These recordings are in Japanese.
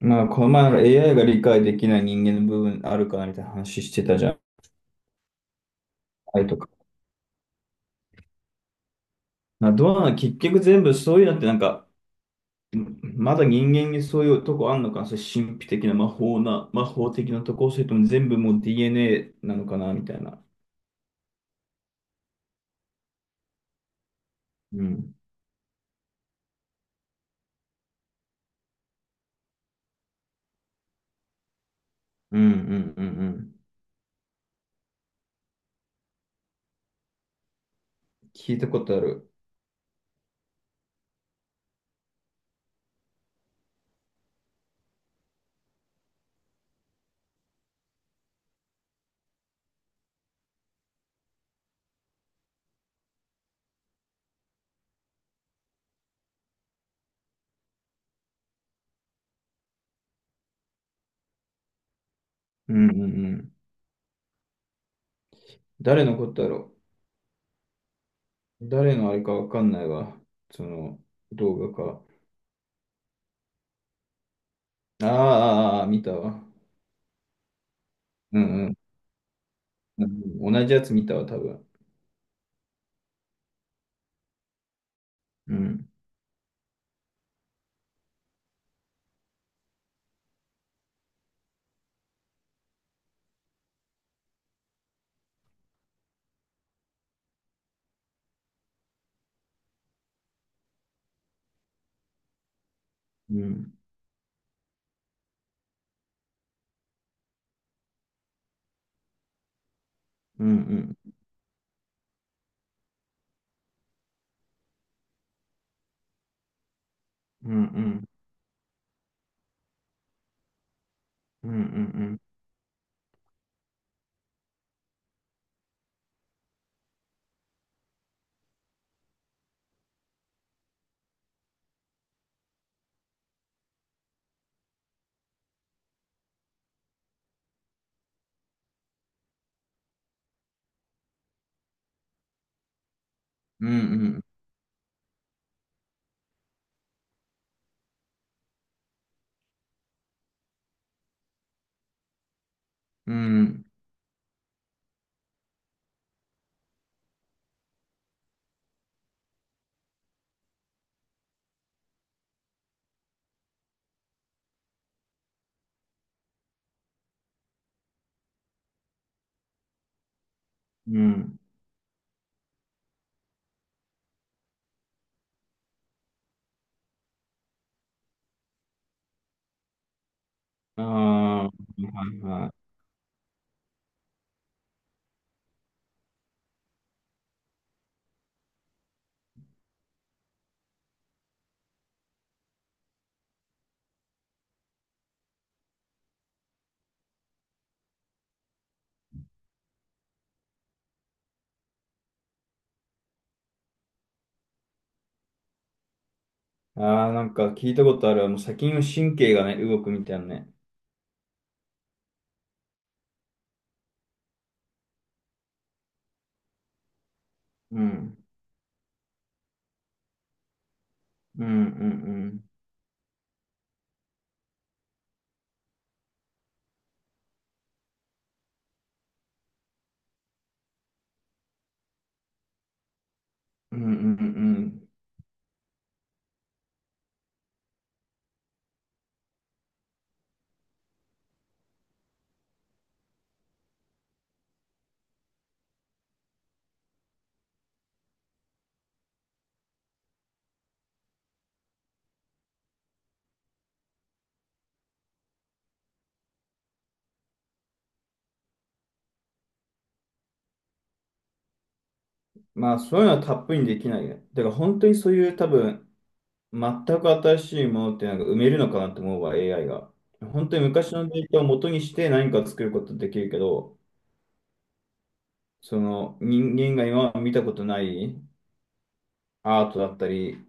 まあ、この前の AI が理解できない人間の部分あるかなみたいな話してたじゃん。A とか。まあ、どうなの、結局全部そういうのってなんか、まだ人間にそういうとこあんのかな、それ神秘的な魔法的なとこ、それとも全部もう DNA なのかなみたいな。うん。うんうんうんうん。聞いたことある。うんうんうん。誰のことだろう誰のあれかわかんないわ。その動画か。あーあー、あー見たわ。うんうん。うん、同じやつ見たわ、多分。うんうん、うん、うん、うん、うん、うん、うん、うん、うん、うん、ああ、はいはい。ああ、なんか聞いたことある。もう先の神経がね、動くみたいなね。うん、うん、うん、うん、うん、うん、うん。まあ、そういうのはたっぷりにできないね。だから本当にそういう多分、全く新しいものってなんか埋めるのかなと思うわ、AI が。本当に昔のデータを元にして何か作ることできるけど、その人間が今まで見たことないアートだったり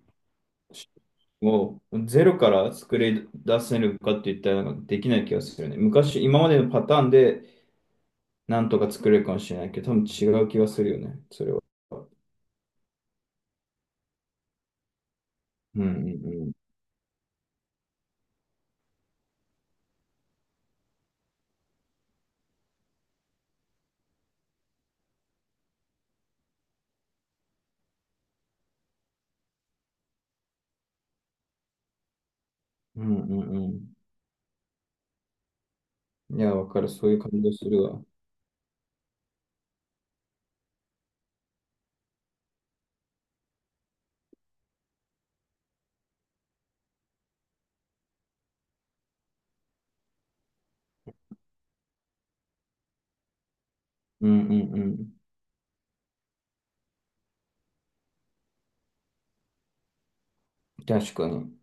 をゼロから作り出せるかって言ったらなんかできない気がするよね。昔、今までのパターンでなんとか作れるかもしれないけど、多分違う気がするよね、それは。うんうんうん。うんうんうん。いや、わかる。そういう感じがするわ。うんうんうん。確かに。うん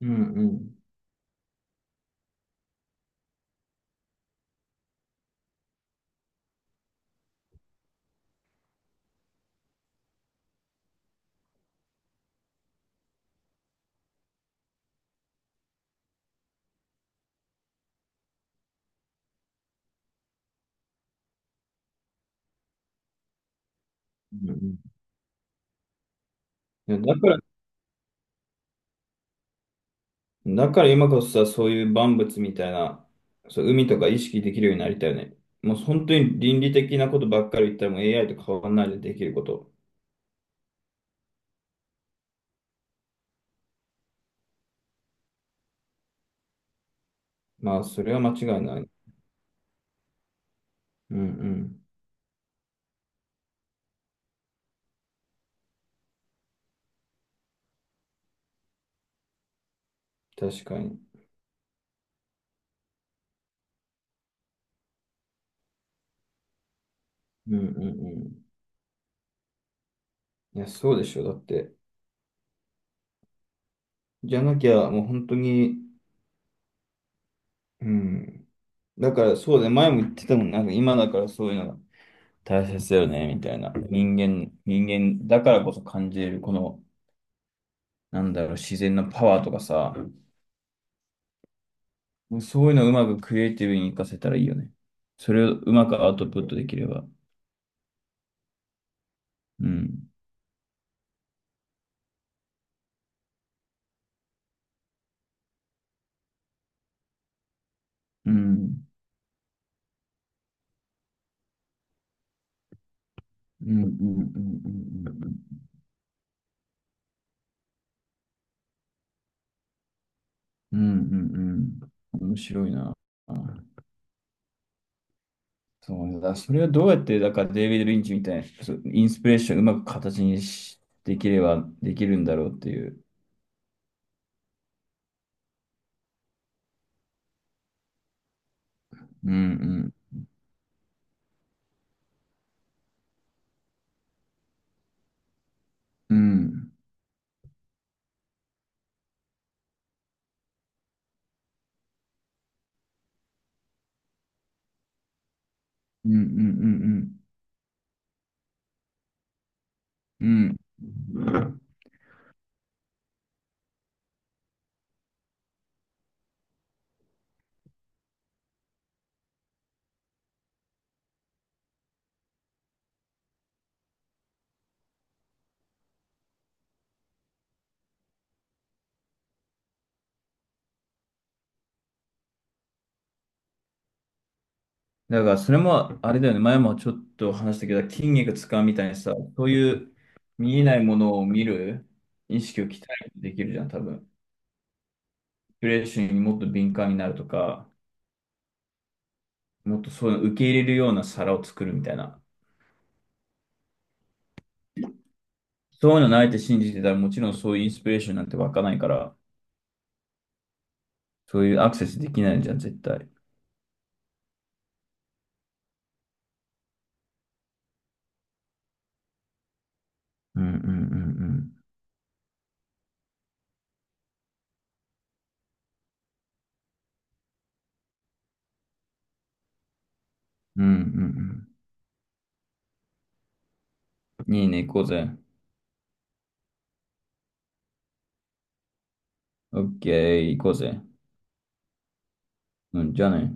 うん。うんうん、いや、だから今こそさ、そういう万物みたいな、そう、海とか意識できるようになりたいよね。もう本当に倫理的なことばっかり言ったらもう AI と変わらないでできること。まあ、それは間違いない。うんうん。確かに。うんうんうん。いや、そうでしょ。だって。じゃなきゃ、もう本当に、うん。だから、そうだね、前も言ってたもん。なんか今だからそういうのが大切だよね、みたいな。人間だからこそ感じれる、この、なんだろう、自然のパワーとかさ、そういうのをうまくクリエイティブに活かせたらいいよね。それをうまくアウトプットできれば。うん。うん。うんうんうんうんうんうん。うんうんうん。面白いな。そうねだ。それはどうやって、だからデイビッド・リンチみたいな、そうインスピレーションをうまく形にし、できればできるんだろうっていう。うんうん。うんうんうんうんうん。うん。だからそれも、あれだよね、前もちょっと話したけど、筋肉使うみたいにさ、そういう見えないものを見る意識を鍛えてできるじゃん、多分。インスピレーションにもっと敏感になるとか、もっとそういうの受け入れるような皿を作るみたいな。そういうのないって信じてたら、もちろんそういうインスピレーションなんて湧かないから、そういうアクセスできないじゃん、絶対。うんうんうんうん。うんうんうん。いいね、行こうぜ。オッケー、行こうぜ。うん、じゃあね。